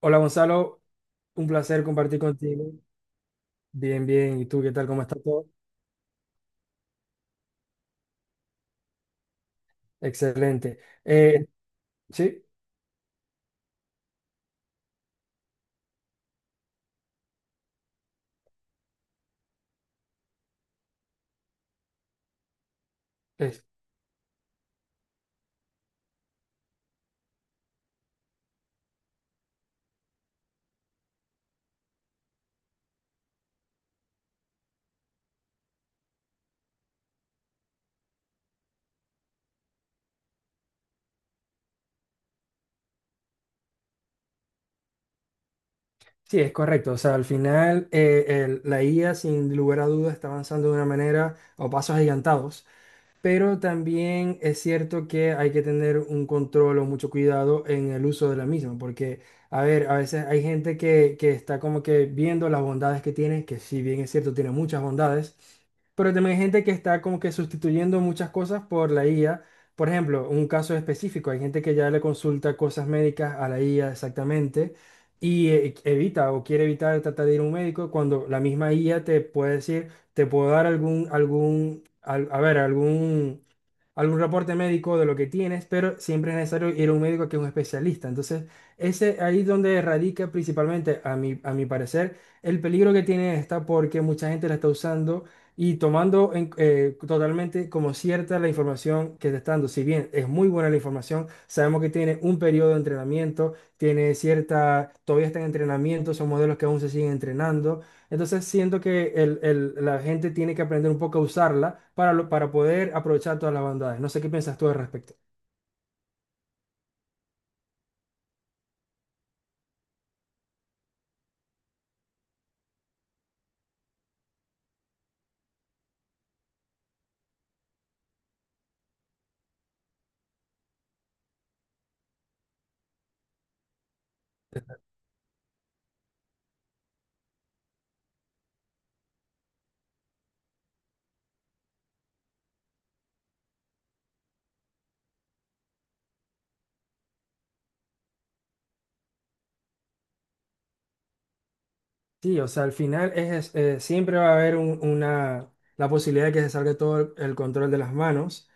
Hola Gonzalo, un placer compartir contigo. Bien, bien. ¿Y tú qué tal? ¿Cómo está todo? Excelente. Eh, sí, es, sí, es correcto. O sea, al final la IA sin lugar a dudas está avanzando de una manera o pasos agigantados. Pero también es cierto que hay que tener un control o mucho cuidado en el uso de la misma, porque, a ver, a veces hay gente que está como que viendo las bondades que tiene, que si bien es cierto, tiene muchas bondades, pero también hay gente que está como que sustituyendo muchas cosas por la IA. Por ejemplo, un caso específico, hay gente que ya le consulta cosas médicas a la IA exactamente y evita o quiere evitar tratar de ir a un médico cuando la misma IA te puede decir, te puedo dar algún, algún al- a ver, algún, algún reporte médico de lo que tienes, pero siempre es necesario ir a un médico que es un especialista. Entonces, ese ahí es donde radica principalmente, a mi parecer, el peligro que tiene esta, porque mucha gente la está usando y tomando totalmente como cierta la información que te está dando. Si bien es muy buena la información, sabemos que tiene un periodo de entrenamiento, tiene cierta, todavía está en entrenamiento, son modelos que aún se siguen entrenando. Entonces siento que la gente tiene que aprender un poco a usarla para poder aprovechar todas las bondades. No sé qué piensas tú al respecto. Sí, o sea, al final siempre va a haber la posibilidad de que se salga todo el control de las manos.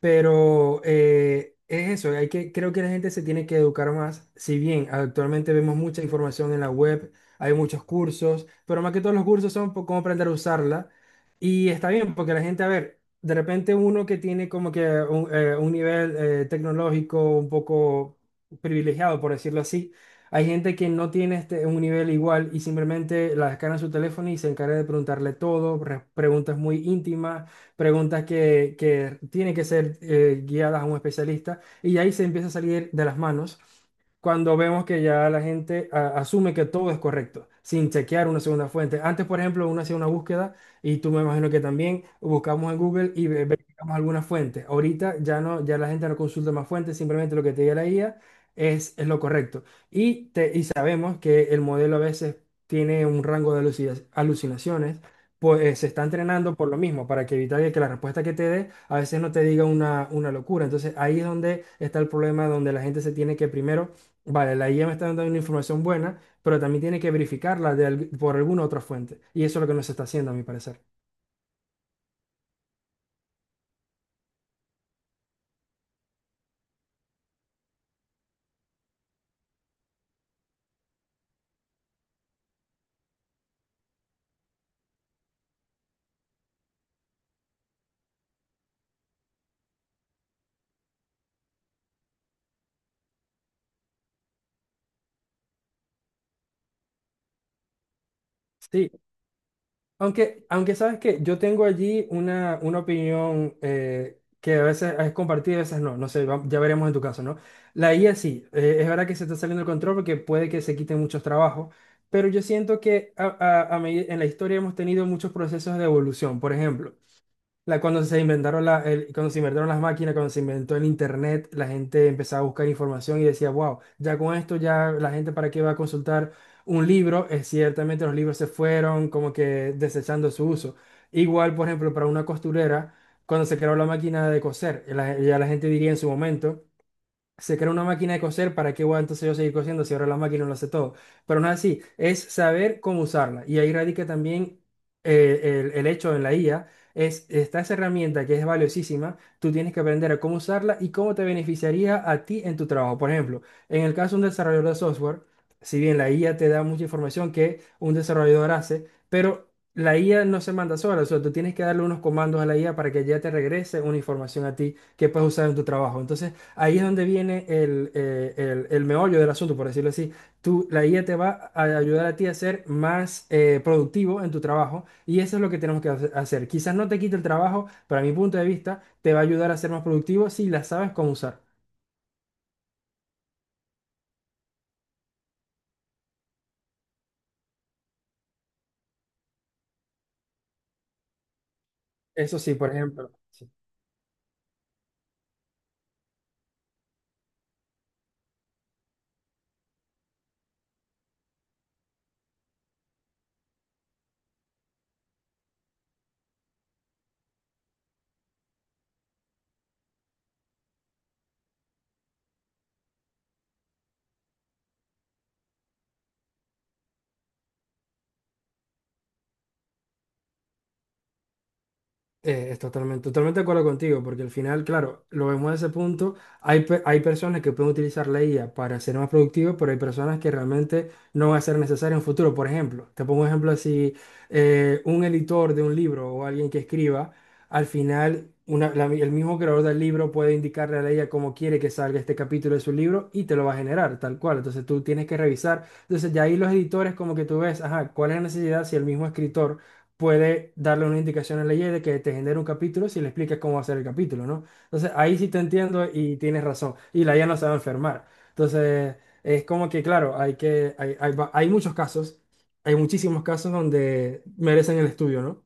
Pero es eso, hay que, creo que la gente se tiene que educar más. Si bien actualmente vemos mucha información en la web, hay muchos cursos, pero más que todos los cursos son por cómo aprender a usarla. Y está bien, porque la gente, a ver, de repente uno que tiene como que un nivel tecnológico un poco privilegiado, por decirlo así, hay gente que no tiene este, un nivel igual y simplemente la descarga en su teléfono y se encarga de preguntarle todo, re- preguntas muy íntimas, preguntas que tienen que ser guiadas a un especialista y ahí se empieza a salir de las manos cuando vemos que ya la gente a- asume que todo es correcto, sin chequear una segunda fuente. Antes, por ejemplo, uno hacía una búsqueda y tú me imagino que también buscamos en Google y ve- verificamos alguna fuente. Ahorita ya no, ya la gente no consulta más fuentes, simplemente lo que te diga la IA es lo correcto. Y sabemos que el modelo a veces tiene un rango de alucina- alucinaciones, pues se está entrenando por lo mismo, para que evitar que la respuesta que te dé a veces no te diga una locura. Entonces ahí es donde está el problema, donde la gente se tiene que primero, vale, la IA me está dando una información buena, pero también tiene que verificarla por alguna otra fuente. Y eso es lo que no se está haciendo, a mi parecer. Sí. Aunque sabes que yo tengo allí una opinión que a veces es compartida, a veces no, no sé, va- ya veremos en tu caso, ¿no? La IA sí, es verdad que se está saliendo del control porque puede que se quiten muchos trabajos, pero yo siento que en la historia hemos tenido muchos procesos de evolución. Por ejemplo, la, cuando se inventaron la, el- cuando se inventaron las máquinas, cuando se inventó el internet, la gente empezaba a buscar información y decía, wow, ya con esto ya la gente para qué va a consultar un libro. Ciertamente los libros se fueron como que desechando su uso. Igual, por ejemplo, para una costurera, cuando se creó la máquina de coser, la- ya la gente diría en su momento, se crea una máquina de coser, ¿para qué voy a entonces yo seguir cosiendo si ahora la máquina lo hace todo? Pero no es así, es saber cómo usarla. Y ahí radica también el hecho en la IA, es, esta esa herramienta que es valiosísima, tú tienes que aprender a cómo usarla y cómo te beneficiaría a ti en tu trabajo. Por ejemplo, en el caso de un desarrollador de software, si bien la IA te da mucha información que un desarrollador hace, pero... La IA no se manda sola, o sea, tú tienes que darle unos comandos a la IA para que ya te regrese una información a ti que puedes usar en tu trabajo. Entonces, ahí es donde viene el meollo del asunto, por decirlo así. Tú, la IA te va a ayudar a ti a ser más productivo en tu trabajo y eso es lo que tenemos que hacer. Quizás no te quite el trabajo, pero a mi punto de vista te va a ayudar a ser más productivo si la sabes cómo usar. Eso sí, por ejemplo. Sí. Es totalmente, totalmente de acuerdo contigo, porque al final, claro, lo vemos desde ese punto, hay personas que pueden utilizar la IA para ser más productivos, pero hay personas que realmente no va a ser necesario en un futuro. Por ejemplo, te pongo un ejemplo así, un editor de un libro o alguien que escriba, al final el mismo creador del libro puede indicarle a la IA cómo quiere que salga este capítulo de su libro y te lo va a generar tal cual. Entonces tú tienes que revisar. Entonces ya ahí los editores como que tú ves, ajá, ¿cuál es la necesidad si el mismo escritor puede darle una indicación al ley de que te genere un capítulo si le explicas cómo va a ser el capítulo, ¿no? Entonces, ahí sí te entiendo y tienes razón. Y la IA no se va a enfermar. Entonces, es como que, claro, hay que, hay, va- hay muchos casos, hay muchísimos casos donde merecen el estudio, ¿no?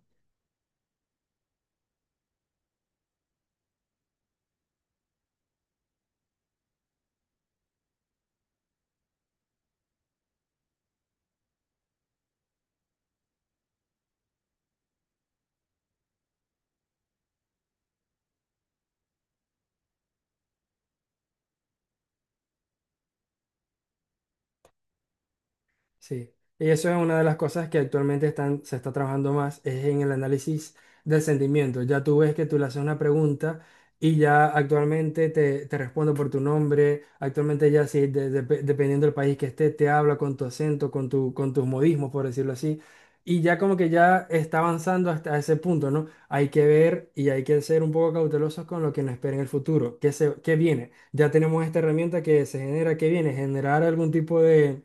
Sí, y eso es una de las cosas que se está trabajando más, es en el análisis del sentimiento. Ya tú ves que tú le haces una pregunta y ya actualmente te respondo por tu nombre, actualmente ya sí, dependiendo del país que esté, te habla con tu acento, con tus modismos, por decirlo así, y ya como que ya está avanzando hasta ese punto, ¿no? Hay que ver y hay que ser un poco cautelosos con lo que nos espera en el futuro, qué viene. Ya tenemos esta herramienta que se genera, que viene, generar algún tipo de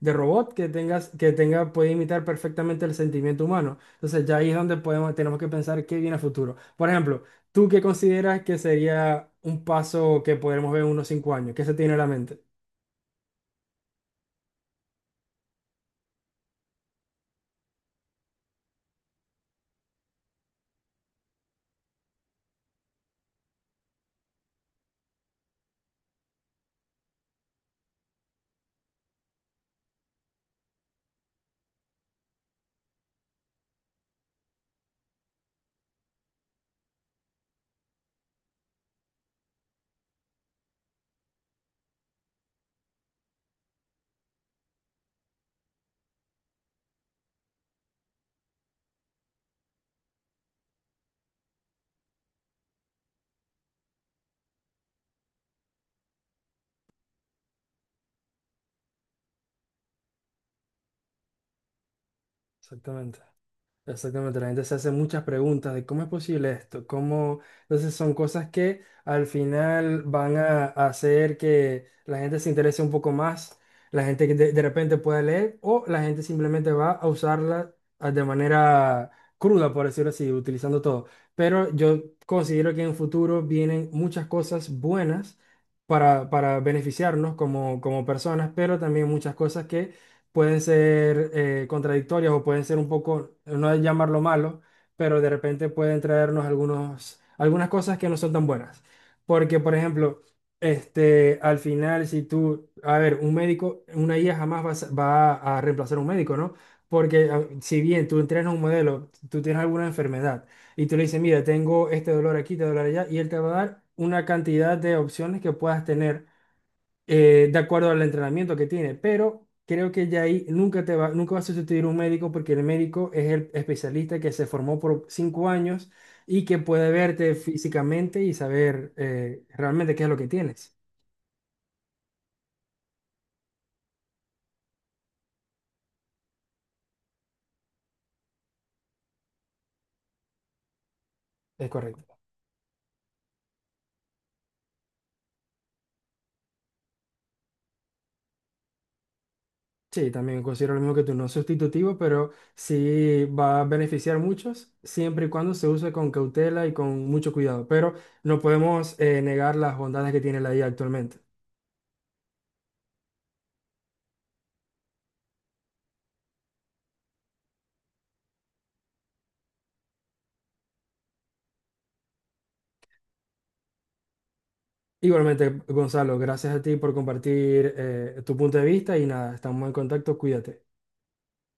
robot que tengas, que tenga, puede imitar perfectamente el sentimiento humano. Entonces ya ahí es donde podemos, tenemos que pensar qué viene a futuro. Por ejemplo, ¿tú qué consideras que sería un paso que podremos ver en unos 5 años? ¿Qué se tiene en la mente? Exactamente. Exactamente, la gente se hace muchas preguntas de cómo es posible esto, cómo... Entonces son cosas que al final van a hacer que la gente se interese un poco más, la gente de repente pueda leer o la gente simplemente va a usarla de manera cruda, por decirlo así, utilizando todo. Pero yo considero que en futuro vienen muchas cosas buenas para beneficiarnos como, como personas, pero también muchas cosas que pueden ser contradictorias o pueden ser un poco, no es llamarlo malo, pero de repente pueden traernos algunos, algunas cosas que no son tan buenas. Porque, por ejemplo, este, al final, si tú, a ver, un médico, una IA jamás va a reemplazar a un médico, ¿no? Porque a- si bien tú entrenas un modelo, tú tienes alguna enfermedad y tú le dices, mira, tengo este dolor aquí, este dolor allá, y él te va a dar una cantidad de opciones que puedas tener de acuerdo al entrenamiento que tiene, pero creo que ya ahí nunca va a sustituir un médico porque el médico es el especialista que se formó por 5 años y que puede verte físicamente y saber realmente qué es lo que tienes. Es correcto. Sí, también considero lo mismo que tú, no sustitutivo, pero sí va a beneficiar a muchos siempre y cuando se use con cautela y con mucho cuidado, pero no podemos negar las bondades que tiene la IA actualmente. Igualmente, Gonzalo, gracias a ti por compartir tu punto de vista y nada, estamos en contacto, cuídate.